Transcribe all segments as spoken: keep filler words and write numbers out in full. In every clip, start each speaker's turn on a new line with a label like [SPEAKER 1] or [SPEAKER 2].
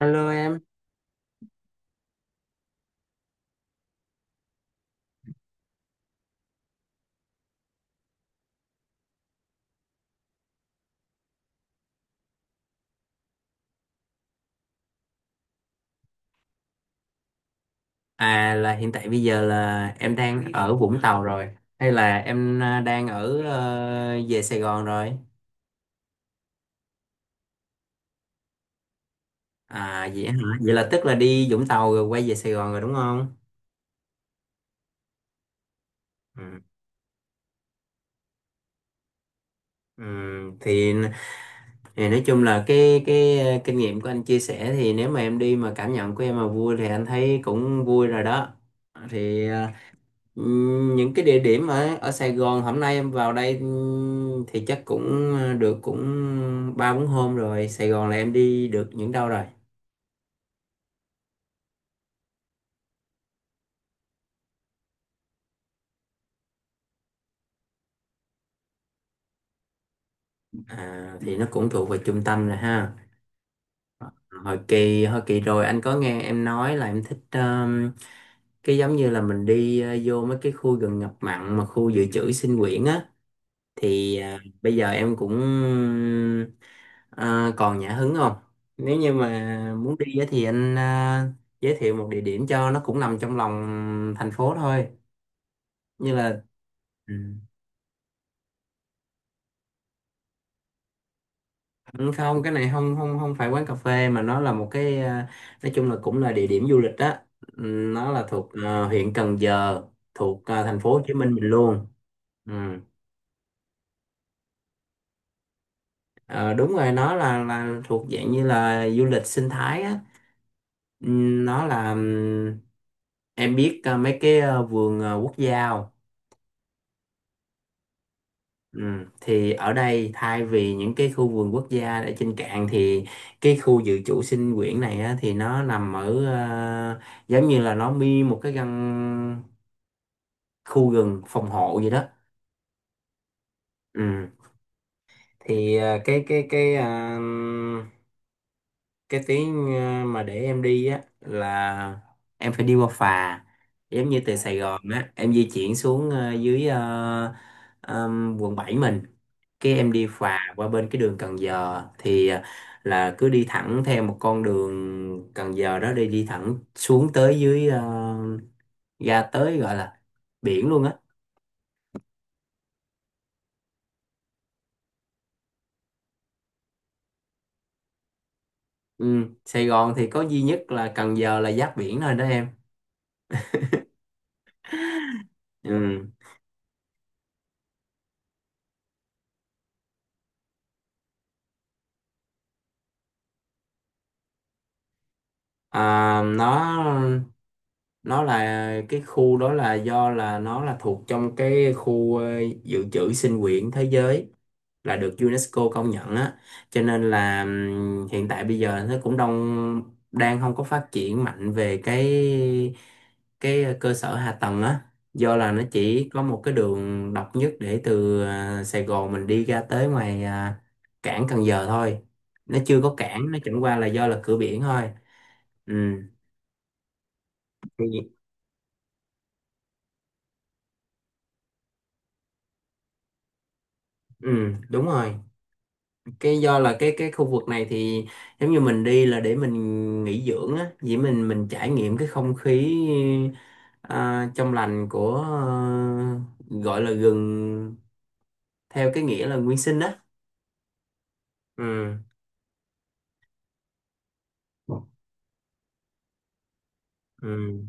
[SPEAKER 1] Hello em, à là hiện tại bây giờ là em đang ở Vũng Tàu rồi hay là em à, đang ở ờ, về Sài Gòn rồi? À vậy hả? Vậy là tức là đi Vũng Tàu rồi quay về Sài Gòn rồi đúng không? Ừ. Ừ. Thì, thì nói chung là cái cái ờ, kinh nghiệm của anh chia sẻ thì nếu mà em đi mà cảm nhận của em mà vui thì anh thấy cũng vui rồi đó. Thì ờ, Ừm, những cái địa điểm ở ở Sài Gòn hôm nay em vào đây ừm, thì chắc cũng ờ, được cũng ba bốn hôm rồi. Sài Gòn là em đi được những đâu rồi? À, thì nó cũng thuộc về trung tâm rồi ha. Hồi kỳ hồi kỳ rồi anh có nghe em nói là em thích ờm, cái giống như là mình đi ờ, vô mấy cái khu gần ngập mặn mà khu dự trữ sinh quyển á, thì à, bây giờ em cũng à, còn nhã hứng không? Nếu như mà muốn đi á thì anh à, giới thiệu một địa điểm cho, nó cũng nằm trong lòng thành phố thôi, như là ừ. Ừ, không, cái này không không không phải quán cà phê, mà nó là một cái à, nói chung là cũng là địa điểm du lịch đó. Ừ, nó là thuộc à, huyện Cần Giờ, thuộc à, thành phố Hồ Chí Minh mình luôn. Ừ. Ờ, đúng rồi, nó là là thuộc dạng như là du lịch sinh thái á. Ừm, nó là ừm, em biết ờ, mấy cái ờ, vườn ờ, quốc gia không? Ừm, thì ở đây, thay vì những cái khu vườn quốc gia ở trên cạn, thì cái khu dự trữ sinh quyển này á, thì nó nằm ở ờ, giống như là nó mi một cái căn khu rừng phòng hộ gì đó. Ừm, thì ờ, cái cái cái ờ, cái tuyến ờ, mà để em đi á là em phải đi qua phà, giống như từ À, Sài Gòn á em di chuyển xuống ờ, dưới ờ, ờm, quận bảy mình, cái em đi phà qua bên cái đường Cần Giờ thì ờ, là cứ đi thẳng theo một con đường Cần Giờ đó, đi đi thẳng xuống tới dưới ờ, ra tới gọi là biển luôn á. Ừ. Sài Gòn thì có duy nhất là Cần Giờ là giáp biển thôi đó em. Ừ. à, nó nó là cái khu đó là do là nó là thuộc trong cái khu ờ, dự trữ sinh quyển thế giới, là được UNESCO công nhận á, cho nên là ừm, hiện tại bây giờ nó cũng đông, đang không có phát triển mạnh về cái cái cơ sở hạ tầng á, do là nó chỉ có một cái đường độc nhất để từ à, Sài Gòn mình đi ra tới ngoài à, cảng Cần Giờ thôi, nó chưa có cảng, nó chẳng qua là do là cửa biển thôi. ừ, thì- ừ, đúng rồi, cái do là cái cái khu vực này thì giống như mình đi là để mình nghỉ dưỡng á, vậy mình mình trải nghiệm cái không khí à, trong lành của ờ, gọi là rừng theo cái nghĩa là nguyên sinh đó. Ừ. Ừ.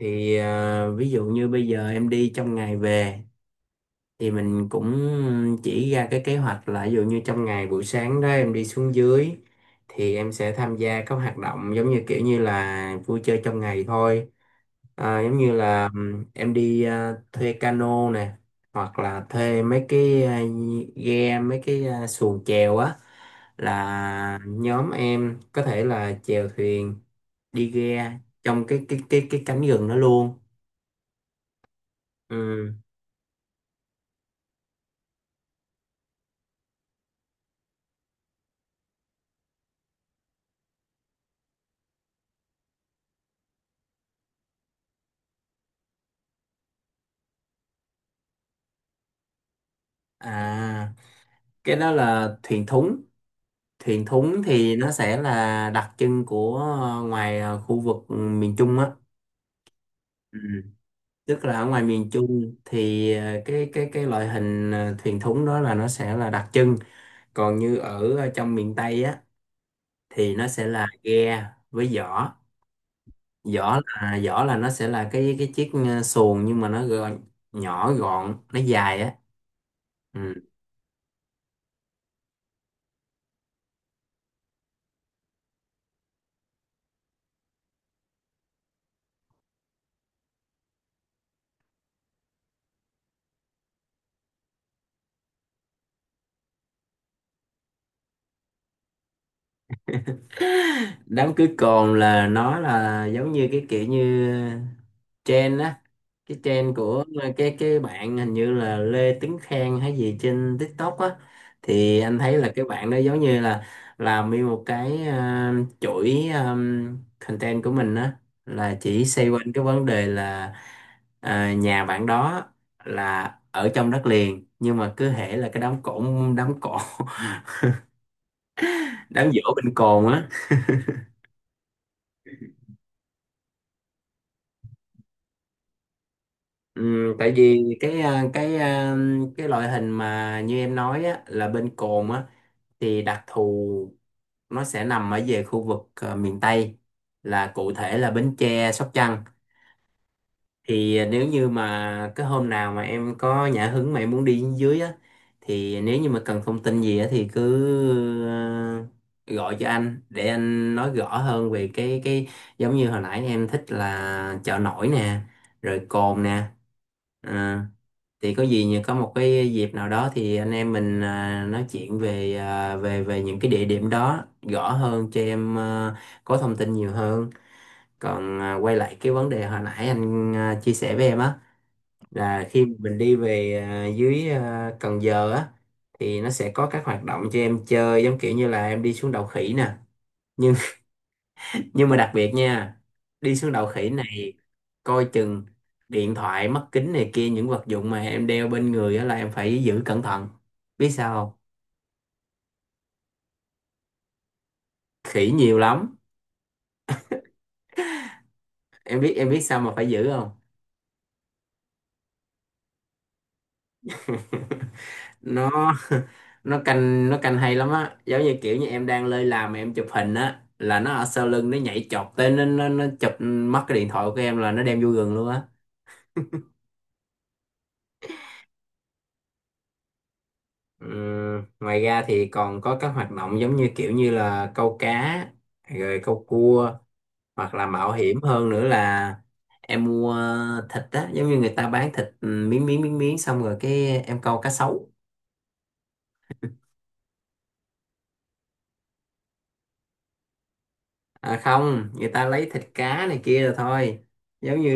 [SPEAKER 1] Thì à, ví dụ như bây giờ em đi trong ngày về thì mình cũng chỉ ra cái kế hoạch là ví dụ như trong ngày buổi sáng đó em đi xuống dưới thì em sẽ tham gia các hoạt động giống như kiểu như là vui chơi trong ngày thôi. À, giống như là ừm, em đi à, thuê cano nè, hoặc là thuê mấy cái à, ghe, mấy cái à, xuồng chèo á, là nhóm em có thể là chèo thuyền, đi ghe trong cái cái cái cái cánh rừng đó luôn. Ừ. à cái đó là thuyền thúng. Thuyền thúng thì nó sẽ là đặc trưng của ờ, ngoài ờ, khu vực miền Trung á. Ừ. Tức là ở ngoài miền Trung thì ờ, cái cái cái loại hình ờ, thuyền thúng đó là nó sẽ là đặc trưng, còn như ở ờ, trong miền Tây á thì nó sẽ là ghe với giỏ. Giỏ là giỏ là nó sẽ là cái cái chiếc ờ, xuồng nhưng mà nó gọn, nhỏ gọn, nó dài á. Ừ. Đám cưới cồn là nó là giống như cái kiểu như trend á, cái trend của cái cái bạn hình như là Lê Tuấn Khang hay gì trên TikTok á. Thì anh thấy là cái bạn đó giống như là làm nguyên một cái ờ, chuỗi ờ, content của mình á, là chỉ xoay quanh cái vấn đề là ờ, nhà bạn đó là ở trong đất liền nhưng mà cứ hễ là cái đám cỗ, đám cỗ đám giỗ bên cồn á. Ừ, tại vì cái à, cái à, cái loại hình mà như em nói á, là bên cồn á, thì đặc thù nó sẽ nằm ở về khu vực à, miền Tây, là cụ thể là Bến Tre, Sóc Trăng. Thì nếu như mà cái hôm nào mà em có nhã hứng mà em muốn đi dưới á, thì nếu như mà cần thông tin gì á thì cứ à, gọi cho anh để anh nói rõ hơn về cái cái giống như hồi nãy em thích là chợ nổi nè, rồi cồn nè. Ờ, thì có gì như có một cái dịp nào đó thì anh em mình à, nói chuyện về à, về về những cái địa điểm đó rõ hơn cho em à, có thông tin nhiều hơn. Còn à, quay lại cái vấn đề hồi nãy anh à, chia sẻ với em á, là khi mình đi về à, dưới à, Cần Giờ á, thì nó sẽ có các hoạt động cho em chơi giống kiểu như là em đi xuống đầu khỉ nè, nhưng nhưng mà đặc biệt nha, đi xuống đầu khỉ Ừ. này, coi chừng điện thoại, mắt kính này kia, những vật dụng mà em đeo bên người á là em phải giữ cẩn thận, biết sao không? Khỉ nhiều lắm. Em biết em biết sao mà phải giữ không? Nó nó canh, nó canh hay lắm á, giống như kiểu như em đang lơi làm mà em chụp hình á, là nó ở sau lưng nó nhảy chọt tới nó nó, nó chụp mất cái điện thoại của em là nó đem vô rừng luôn á. Ừm, ngoài ra thì còn có các hoạt động giống như kiểu như là câu cá, rồi câu cua, hoặc là mạo hiểm hơn nữa là em mua thịt á, giống như người ta bán thịt ừ, miếng miếng miếng miếng xong rồi cái em câu cá sấu. À không, người ta lấy thịt cá này kia rồi thôi, giống như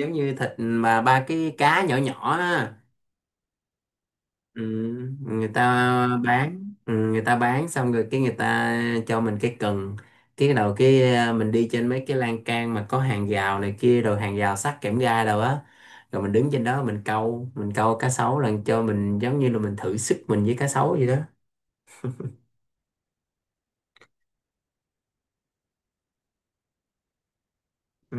[SPEAKER 1] giống như thịt mà ba cái cá nhỏ nhỏ á. Ừ, người ta bán ừ, người ta bán xong rồi cái người ta cho mình cái cần, cái bắt đầu cái à, mình đi trên mấy cái lan can mà có hàng rào này kia rồi hàng rào sắt kẽm gai đâu á, rồi mình đứng trên đó mình câu, mình câu cá sấu, là cho mình giống như là mình thử sức mình với cá sấu vậy đó. ừ,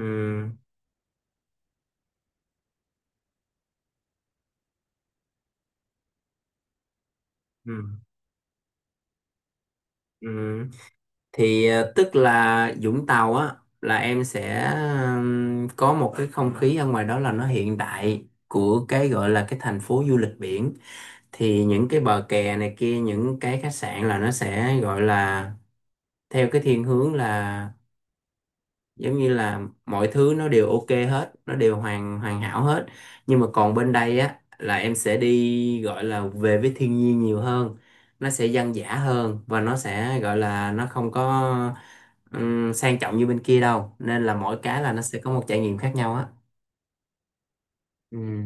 [SPEAKER 1] ừ, ừ. Thì à, tức là Vũng Tàu á là em sẽ ừm, có một cái không khí ở ngoài đó là nó hiện đại của cái gọi là cái thành phố du lịch biển. Thì những cái bờ kè này kia, những cái khách sạn là nó sẽ gọi là theo cái thiên hướng là giống như là mọi thứ nó đều ok hết, nó đều hoàn hoàn hảo hết, nhưng mà còn bên đây á là em sẽ đi gọi là về với thiên nhiên nhiều hơn, nó sẽ dân dã hơn và nó sẽ gọi là nó không có ừm, sang trọng như bên kia đâu, nên là mỗi cái là nó sẽ có một trải nghiệm khác nhau á. Ừ.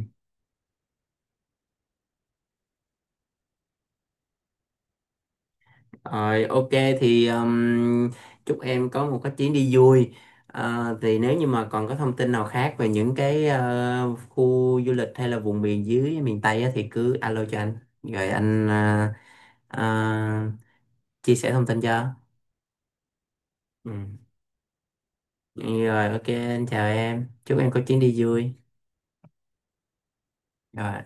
[SPEAKER 1] Rồi, ok, thì um, chúc em có một cái chuyến đi vui. Ờ, thì nếu như mà còn có thông tin nào khác về những cái ờ, khu du lịch hay là vùng miền dưới miền Tây á, thì cứ alo cho anh rồi anh ờ, ờ, chia sẻ thông tin cho. Ừ. Rồi, ok, anh chào em. Chúc em có chuyến đi vui. Rồi.